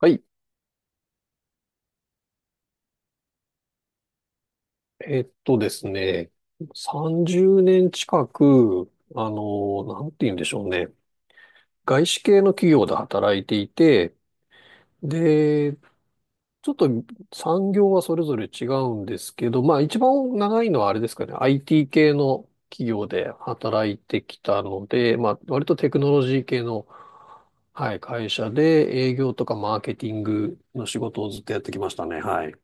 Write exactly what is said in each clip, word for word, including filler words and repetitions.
はい。えっとですね、さんじゅうねん近く、あの、なんて言うんでしょうね。外資系の企業で働いていて、で、ちょっと産業はそれぞれ違うんですけど、まあ一番長いのはあれですかね、アイティー 系の企業で働いてきたので、まあ割とテクノロジー系の、はい、会社で営業とかマーケティングの仕事をずっとやってきましたね。はい。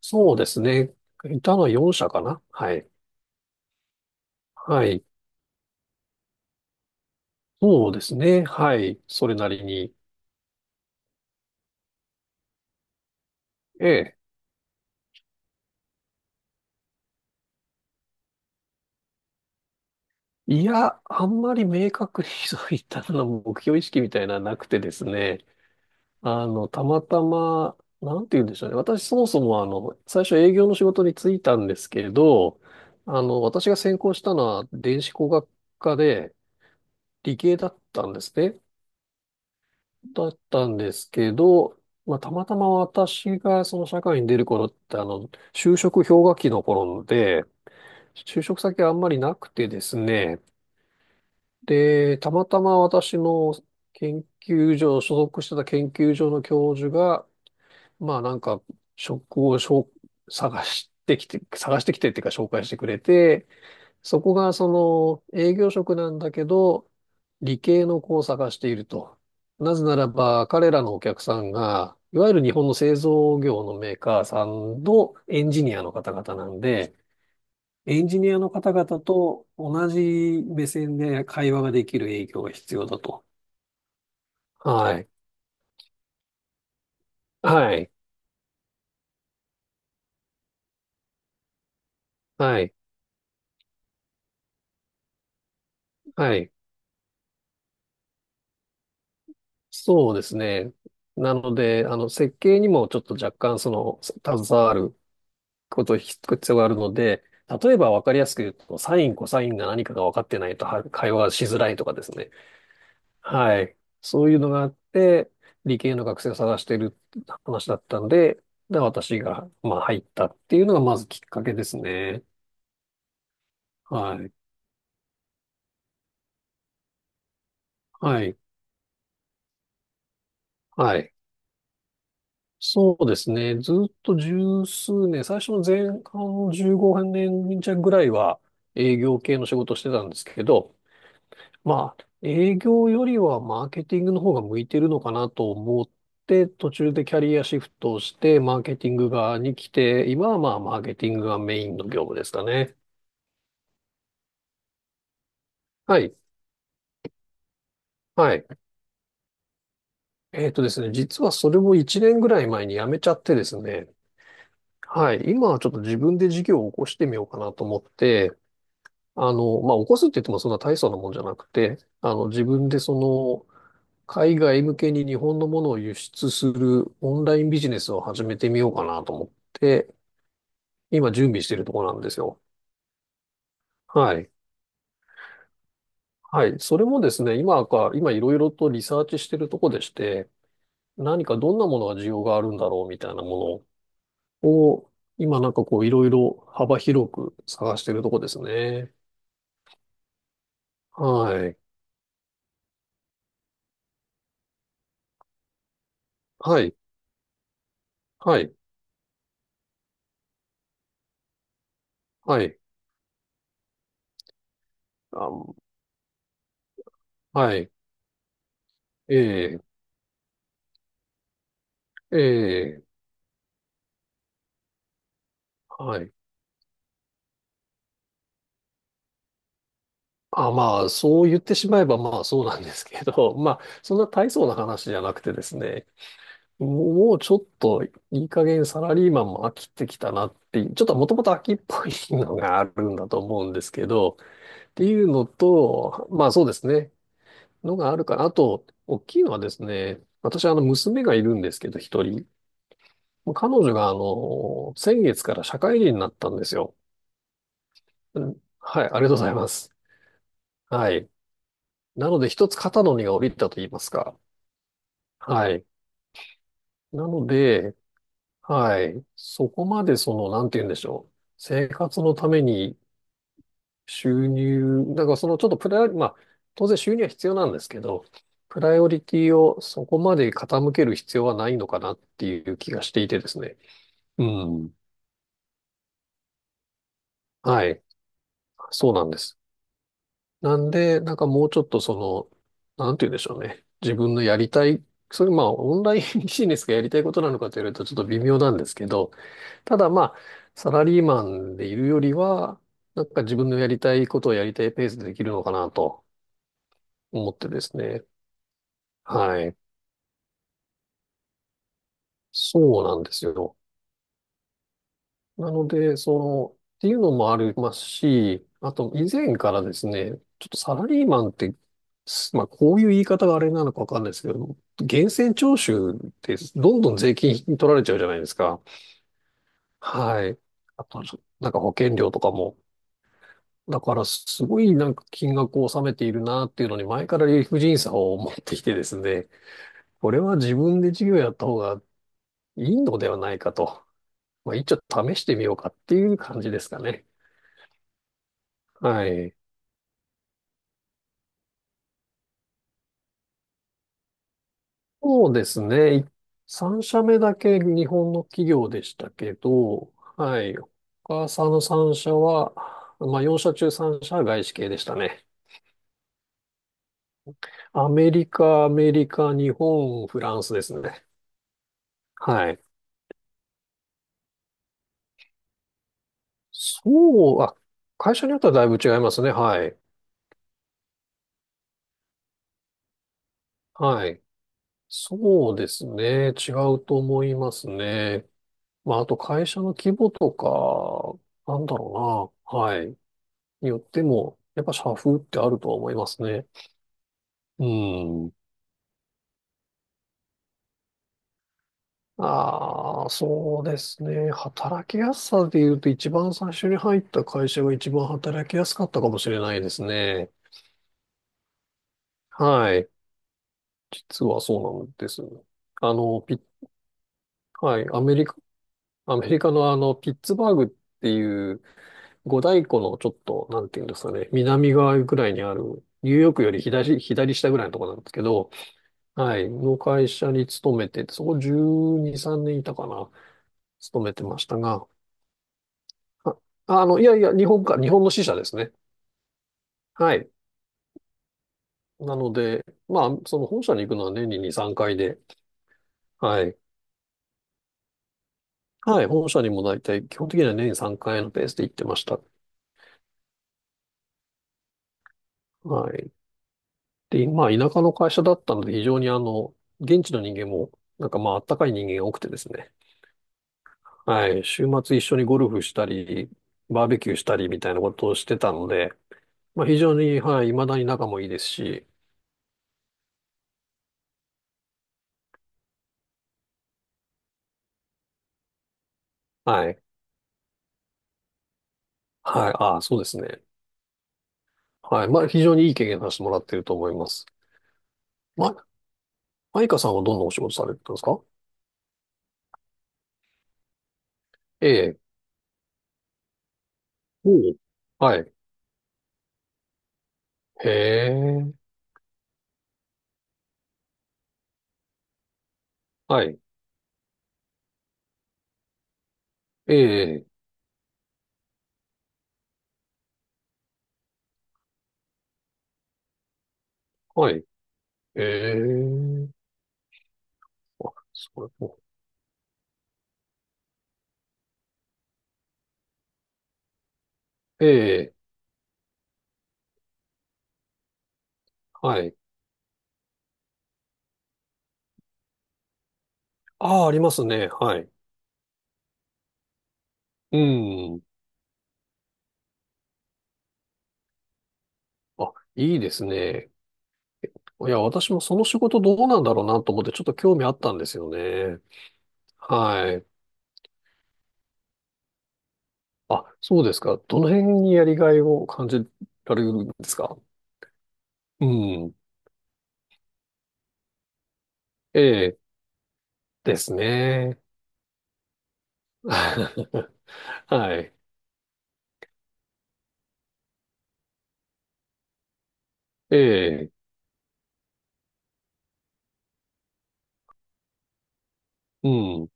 そうですね。いたのはよん社かな。はい。はい。そうですね。はい。それなりに。ええ。いや、あんまり明確にそういったの目標意識みたいなのはなくてですね。あの、たまたま、なんて言うんでしょうね。私そもそもあの、最初営業の仕事に就いたんですけど、あの、私が専攻したのは電子工学科で理系だったんですね。だったんですけど、まあ、たまたま私がその社会に出る頃ってあの、就職氷河期の頃で、就職先あんまりなくてですね。で、たまたま私の研究所、所属してた研究所の教授が、まあなんか、職をしょ探してきて、探してきてっていうか紹介してくれて、そこがその営業職なんだけど、理系の子を探していると。なぜならば彼らのお客さんが、いわゆる日本の製造業のメーカーさんのエンジニアの方々なんで、エンジニアの方々と同じ目線で会話ができる営業が必要だと。はい。はい。はい。はい。そうですね。なので、あの、設計にもちょっと若干その、携わること必要があるので、例えば分かりやすく言うと、サイン、コサインが何かが分かってないとは会話がしづらいとかですね。はい。そういうのがあって、理系の学生を探している話だったので、で、私が、まあ、入ったっていうのがまずきっかけですね。はい。はい。はい。そうですね。ずっとじゅうすうねん、最初の前半のじゅうごねん弱ぐらいは営業系の仕事をしてたんですけど、まあ、営業よりはマーケティングの方が向いてるのかなと思って、途中でキャリアシフトをして、マーケティング側に来て、今はまあ、マーケティングがメインの業務ですかね。はい。はい。えっとですね、実はそれもいちねんぐらい前に辞めちゃってですね、はい。今はちょっと自分で事業を起こしてみようかなと思って、あの、まあ、起こすって言ってもそんな大層なもんじゃなくて、あの、自分でその、海外向けに日本のものを輸出するオンラインビジネスを始めてみようかなと思って、今準備しているところなんですよ。はい。はい。それもですね、今か、今いろいろとリサーチしているところでして、何かどんなものが需要があるんだろうみたいなものを、今なんかこういろいろ幅広く探しているところですね。はい。はい、はい、はい、あ、はい、ええ、ええ、はい。あ、まあ、そう言ってしまえば、まあ、そうなんですけど、まあ、そんな大層な話じゃなくてですね、もうもうちょっといい加減サラリーマンも飽きてきたなっていう、ちょっともともと飽きっぽいのがあるんだと思うんですけど、っていうのと、まあそうですね、のがあるから、あと、大きいのはですね、私、あの、娘がいるんですけど、一人。彼女が、あの、先月から社会人になったんですよ。うん、はい、ありがとうございます。はい。なので、一つ肩の荷が下りたと言いますか。はい。なので、はい。そこまでその、なんて言うんでしょう。生活のために収入、だからそのちょっとプライオリ、まあ、当然収入は必要なんですけど、プライオリティをそこまで傾ける必要はないのかなっていう気がしていてですね。うん。はい。そうなんです。なんで、なんかもうちょっとその、なんて言うんでしょうね。自分のやりたい、それまあオンラインビジネスがやりたいことなのかと言われるとちょっと微妙なんですけど、ただまあ、サラリーマンでいるよりは、なんか自分のやりたいことをやりたいペースでできるのかなと思ってですね。はい。そうなんですよ。なので、その、っていうのもありますし、あと以前からですね、ちょっとサラリーマンって、すまあこういう言い方があれなのかわかんないですけど、源泉徴収ってどんどん税金取られちゃうじゃないですか。はい。あと、なんか保険料とかも。だからすごいなんか金額を納めているなっていうのに前から理不尽さを持ってきてですね、これは自分で事業やった方がいいのではないかと、まあ一応試してみようかっていう感じですかね。はい。そうですね。いさん社目だけ日本の企業でしたけど、はい。他さんのさん社は、まあよん社中さん社は外資系でしたね。アメリカ、アメリカ、日本、フランスですね。はい。そう、あ、会社によってはだいぶ違いますね。はい。はい。そうですね。違うと思いますね。まあ、あと会社の規模とか、なんだろうな。はい。によっても、やっぱ社風ってあるとは思いますね。うん。ああ、そうですね。働きやすさで言うと、一番最初に入った会社が一番働きやすかったかもしれないですね。はい。実はそうなんです。あの、ピ、はい。アメリカ、アメリカのあの、ピッツバーグっていう五大湖のちょっと、なんていうんですかね、南側ぐらいにある、ニューヨークより左、左下ぐらいのところなんですけど、はい。の会社に勤めてて、そこじゅうに、さんねんいたかな。勤めてましたが、あ、あの、いやいや、日本か、日本の支社ですね。はい。なので、まあ、その本社に行くのは年にに、さんかいで、はい。はい。本社にも大体、基本的には年にさんかいのペースで行ってました。はい。で、まあ、田舎の会社だったので、非常にあの、現地の人間も、なんかまあ、あったかい人間が多くてですね。はい。週末一緒にゴルフしたり、バーベキューしたりみたいなことをしてたので、まあ、非常に、はい、未だに仲もいいですし、はい。はい。ああ、そうですね。はい。まあ、非常にいい経験させてもらっていると思います。ま、マイカさんはどんなお仕事されてたんですか？ええ。おうはい。へえ。はい。ええ。はい。へえ。あ、それも。ええ。はい。ああ、ありますね。はい。うん。あ、いいですね。いや、私もその仕事どうなんだろうなと思ってちょっと興味あったんですよね。はい。あ、そうですか。どの辺にやりがいを感じられるんですか？うん。ええ。ですね。はい。ええ。うん。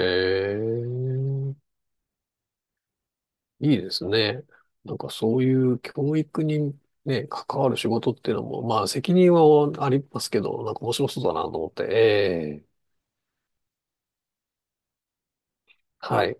ええ、いいですね。なんかそういう教育にね、関わる仕事っていうのも、まあ責任はありますけど、なんか面白そうだなと思って、ええ、はい。